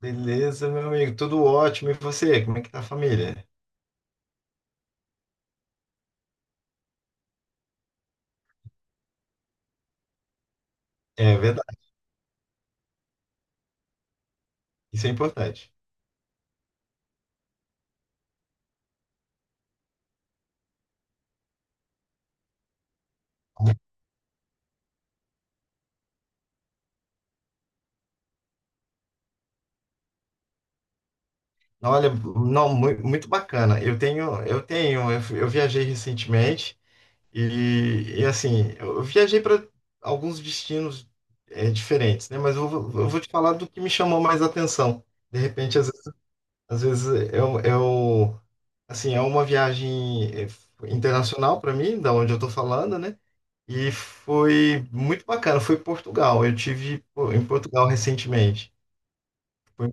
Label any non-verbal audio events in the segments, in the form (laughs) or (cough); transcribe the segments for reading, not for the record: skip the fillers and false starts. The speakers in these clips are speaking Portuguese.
Beleza, meu amigo, tudo ótimo. E você, como é que tá a família? É verdade, isso é importante. Olha, não, muito bacana. Eu tenho, eu tenho, eu, fui- eu viajei recentemente e, assim, eu viajei para alguns destinos diferentes, né? Mas eu vou te falar do que me chamou mais atenção. De repente, às vezes eu, assim, é uma viagem internacional para mim, da onde eu estou falando, né? E foi muito bacana, foi Portugal. Eu tive pô, em Portugal recentemente. Foi,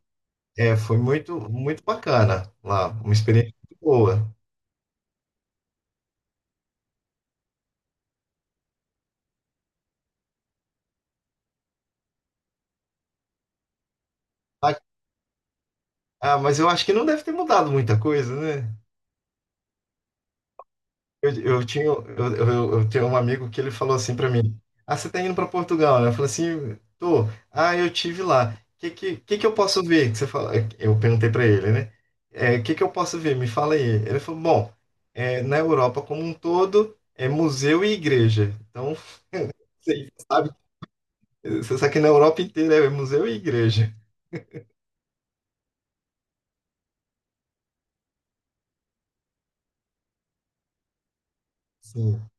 foi muito, muito bacana lá, uma experiência muito boa. Ah, ah, mas eu acho que não deve ter mudado muita coisa, né? Eu tinha, eu tenho um amigo que ele falou assim para mim: Ah, você tá indo para Portugal, né? Eu falei assim: Tô. Ah, eu tive lá. O que eu posso ver? Que você fala? Eu perguntei para ele, né? O que eu posso ver? Me fala aí. Ele falou: Bom, na Europa como um todo é museu e igreja. Então, você sabe, você sabe que na Europa inteira é museu e igreja. Sim.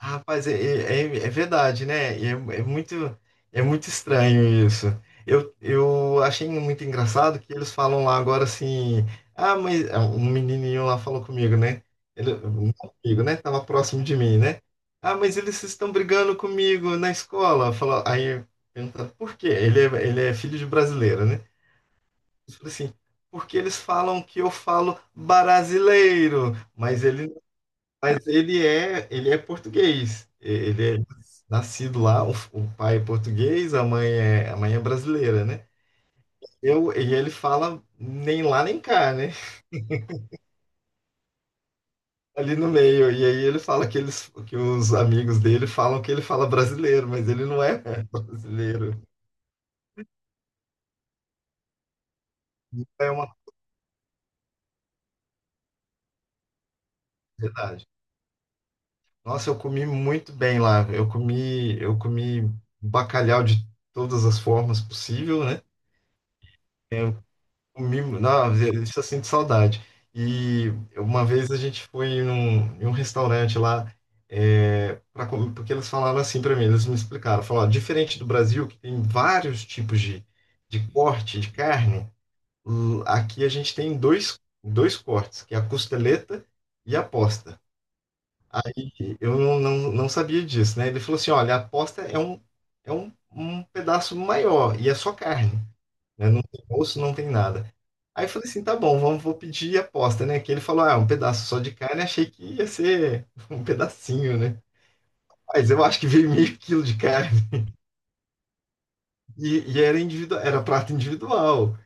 Rapaz, é verdade, né? Muito, é muito estranho isso. Eu achei muito engraçado que eles falam lá agora assim. Ah, mas um menininho lá falou comigo, né? Ele, não comigo, né? Tava próximo de mim, né? Ah, mas eles estão brigando comigo na escola. Falou, aí perguntando por quê? Ele é filho de brasileiro, né? Eu falei assim, porque eles falam que eu falo brasileiro, mas ele mas ele é português. Ele é nascido lá, o pai é português, a mãe é brasileira, né? Eu, e ele fala nem lá nem cá, né? Ali no meio. E aí ele fala que, eles, que os amigos dele falam que ele fala brasileiro, mas ele não é (laughs) brasileiro. É uma verdade. Nossa, eu comi muito bem lá. Eu comi bacalhau de todas as formas possível, né? É, o mimo, não, isso eu sinto saudade. E uma vez a gente foi em um restaurante lá, pra comer, porque eles falaram assim para mim, eles me explicaram, falaram, "Ó, diferente do Brasil, que tem vários tipos de, corte de carne, aqui a gente tem dois cortes, que é a costeleta e a posta. Aí eu não sabia disso, né? Ele falou assim, olha, a posta é um pedaço maior e é só carne, né? Não tem osso, não tem nada. Aí eu falei assim, tá bom, vamos, vou pedir aposta, né? Que ele falou, ah, é um pedaço só de carne, achei que ia ser (laughs) um pedacinho, né? Mas eu acho que veio meio quilo de carne. (laughs) E, e era individual, era prato individual.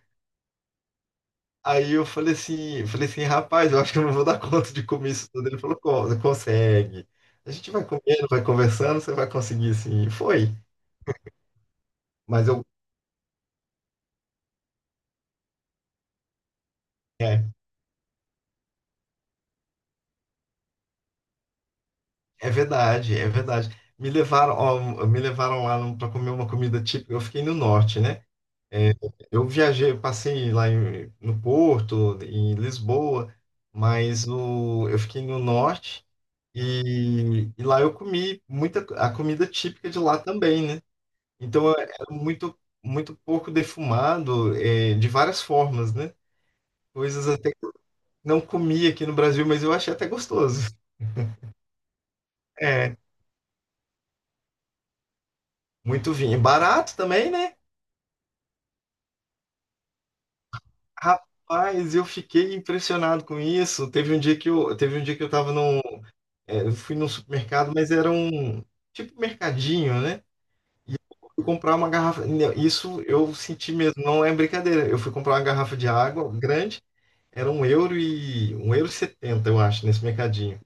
Aí eu falei assim, rapaz, eu acho que eu não vou dar conta de comer isso tudo. Ele falou, consegue. A gente vai comendo, vai conversando, você vai conseguir sim. E foi. Mas eu, é, é verdade, é verdade. Me levaram, ó, me levaram lá para comer uma comida típica. Eu fiquei no norte, né? Eu viajei, passei lá no Porto, em Lisboa, eu fiquei no norte e lá eu comi muita a comida típica de lá também, né? Então é muito muito pouco defumado, é, de várias formas, né? Coisas até que eu não comi aqui no Brasil, mas eu achei até gostoso. É, muito vinho. E barato também, né? Rapaz, eu fiquei impressionado com isso. Teve um dia que eu tava num, eu fui num supermercado, mas era um tipo mercadinho, né? E eu fui comprar uma garrafa. Não, isso eu senti mesmo, não é brincadeira. Eu fui comprar uma garrafa de água grande, era €1,70, eu acho, nesse mercadinho.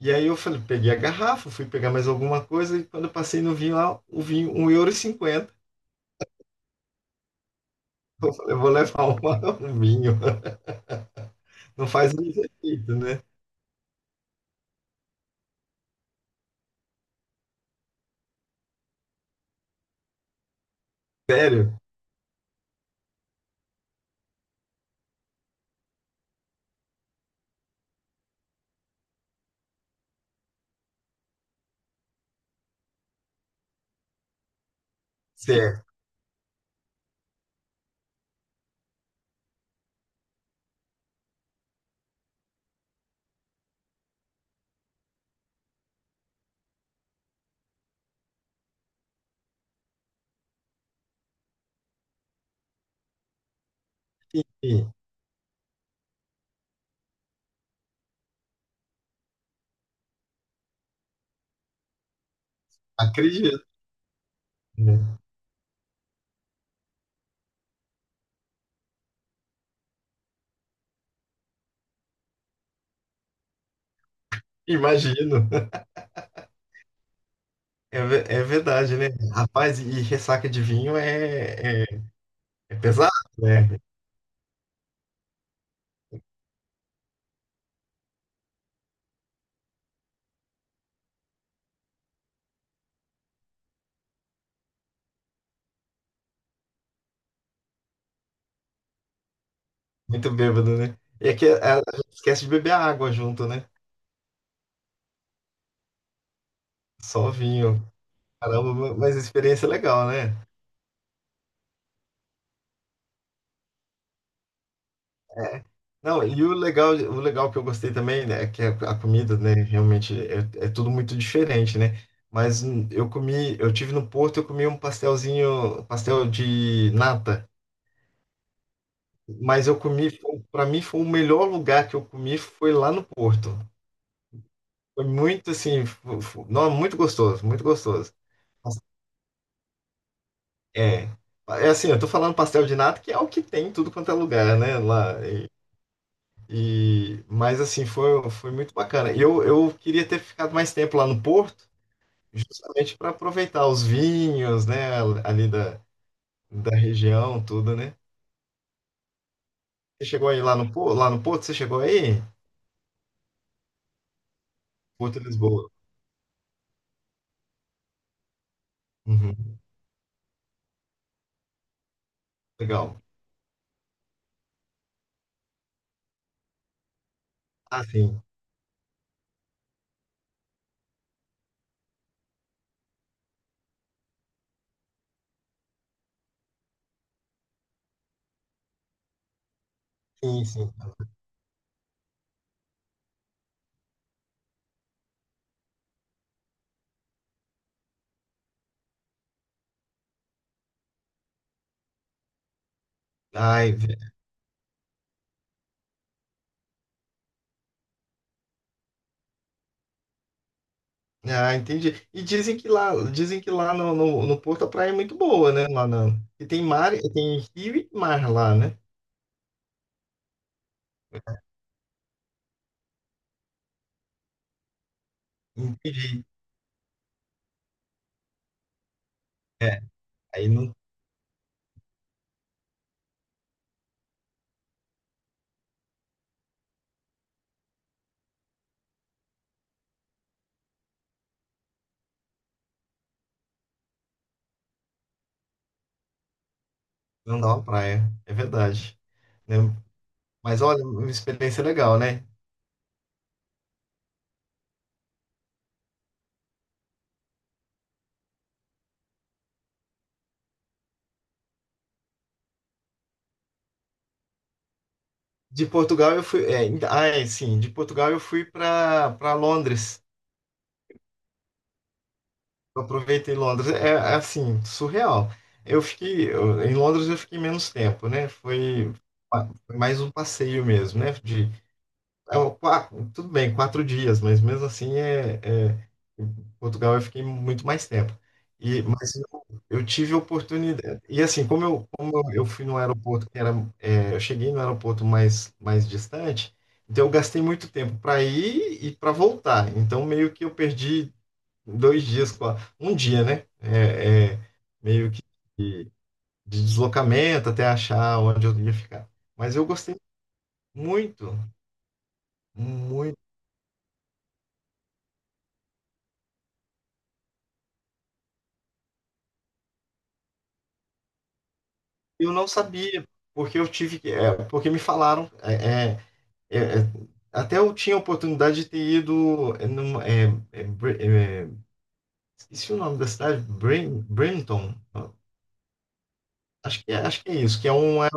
E aí eu falei, peguei a garrafa, fui pegar mais alguma coisa, e quando eu passei no vinho lá, o vinho, €1,50. (laughs) Eu falei, eu vou levar uma, (laughs) um vinho. Não faz o mesmo efeito, né? Sério, sério. Sim, acredito, né? Imagino. É, é verdade, né? Rapaz, e ressaca de vinho é pesado, né? Muito bêbado, né? E é que a gente esquece de beber água junto, né? Só vinho. Caramba, mas a experiência é legal, né? Não, e o legal que eu gostei também, né, é que a comida, né, realmente é tudo muito diferente, né? Mas eu comi, eu tive no Porto, eu comi um pastelzinho, pastel de nata, mas eu comi, para mim foi o melhor lugar que eu comi foi lá no Porto. Foi muito assim, não, muito gostoso, muito gostoso. É, é assim, eu tô falando pastel de nata, que é o que tem em tudo quanto é lugar, né, lá. Mas assim, foi muito bacana. E eu queria ter ficado mais tempo lá no Porto, justamente para aproveitar os vinhos, né, ali da região, tudo, né? Você chegou aí lá no Porto? Você chegou aí? Porto de Lisboa. Uhum, legal. Ah, sim. Sim, sim. Ai, ah, entendi. E dizem que lá, no, no Porto a praia é muito boa, né? E tem mar, tem rio e mar lá, né? Entendi. É, aí não dá uma praia, é verdade. Né? Mas olha, uma experiência legal, né? De Portugal eu fui, é, ainda- ah, Sim, de Portugal eu fui para Londres. Eu aproveitei Londres, assim, surreal. Em Londres eu fiquei menos tempo, né? Foi mais um passeio mesmo, né? Ah, tudo bem, 4 dias, mas mesmo assim é- em Portugal eu fiquei muito mais tempo. Mas eu tive oportunidade. E assim, como eu fui no aeroporto que era, eu cheguei no aeroporto mais distante, então eu gastei muito tempo para ir e para voltar. Então meio que eu perdi 2 dias, um dia, né? É, meio que de de deslocamento até achar onde eu ia ficar. Mas eu gostei muito, muito. Eu não sabia, porque eu tive que. Porque me falaram. É, é, até eu tinha a oportunidade de ter ido. É, Br- é, esqueci o nome da cidade, Brim, Brimton. Acho que é isso, que é um, aer-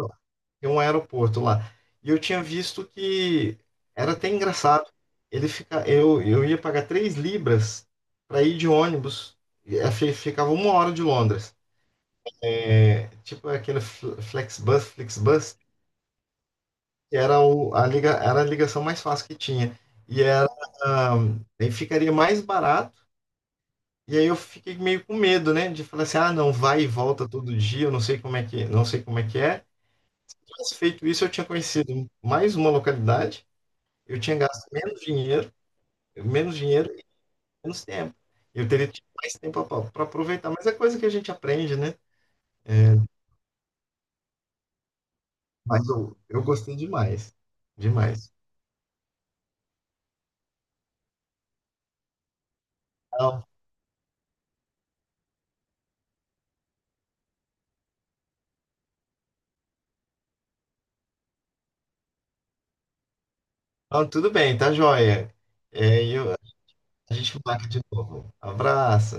é um aeroporto lá. E eu tinha visto que era até engraçado. Eu ia pagar £3 para ir de ônibus. Ficava uma hora de Londres. É, tipo aquele Flexbus, Flixbus, que era a ligação mais fácil que tinha. E era, aí ficaria mais barato. E aí eu fiquei meio com medo, né? De falar assim, ah, não, vai e volta todo dia, eu não sei como é que, não sei como é que é. Mas feito isso, eu tinha conhecido mais uma localidade, eu tinha gasto menos dinheiro e menos tempo. Eu teria tido mais tempo para aproveitar, mas é coisa que a gente aprende, né? É, mas eu gostei demais, demais. Então, então, tudo bem, tá joia. É, eu, A gente fala aqui de novo. Abraço.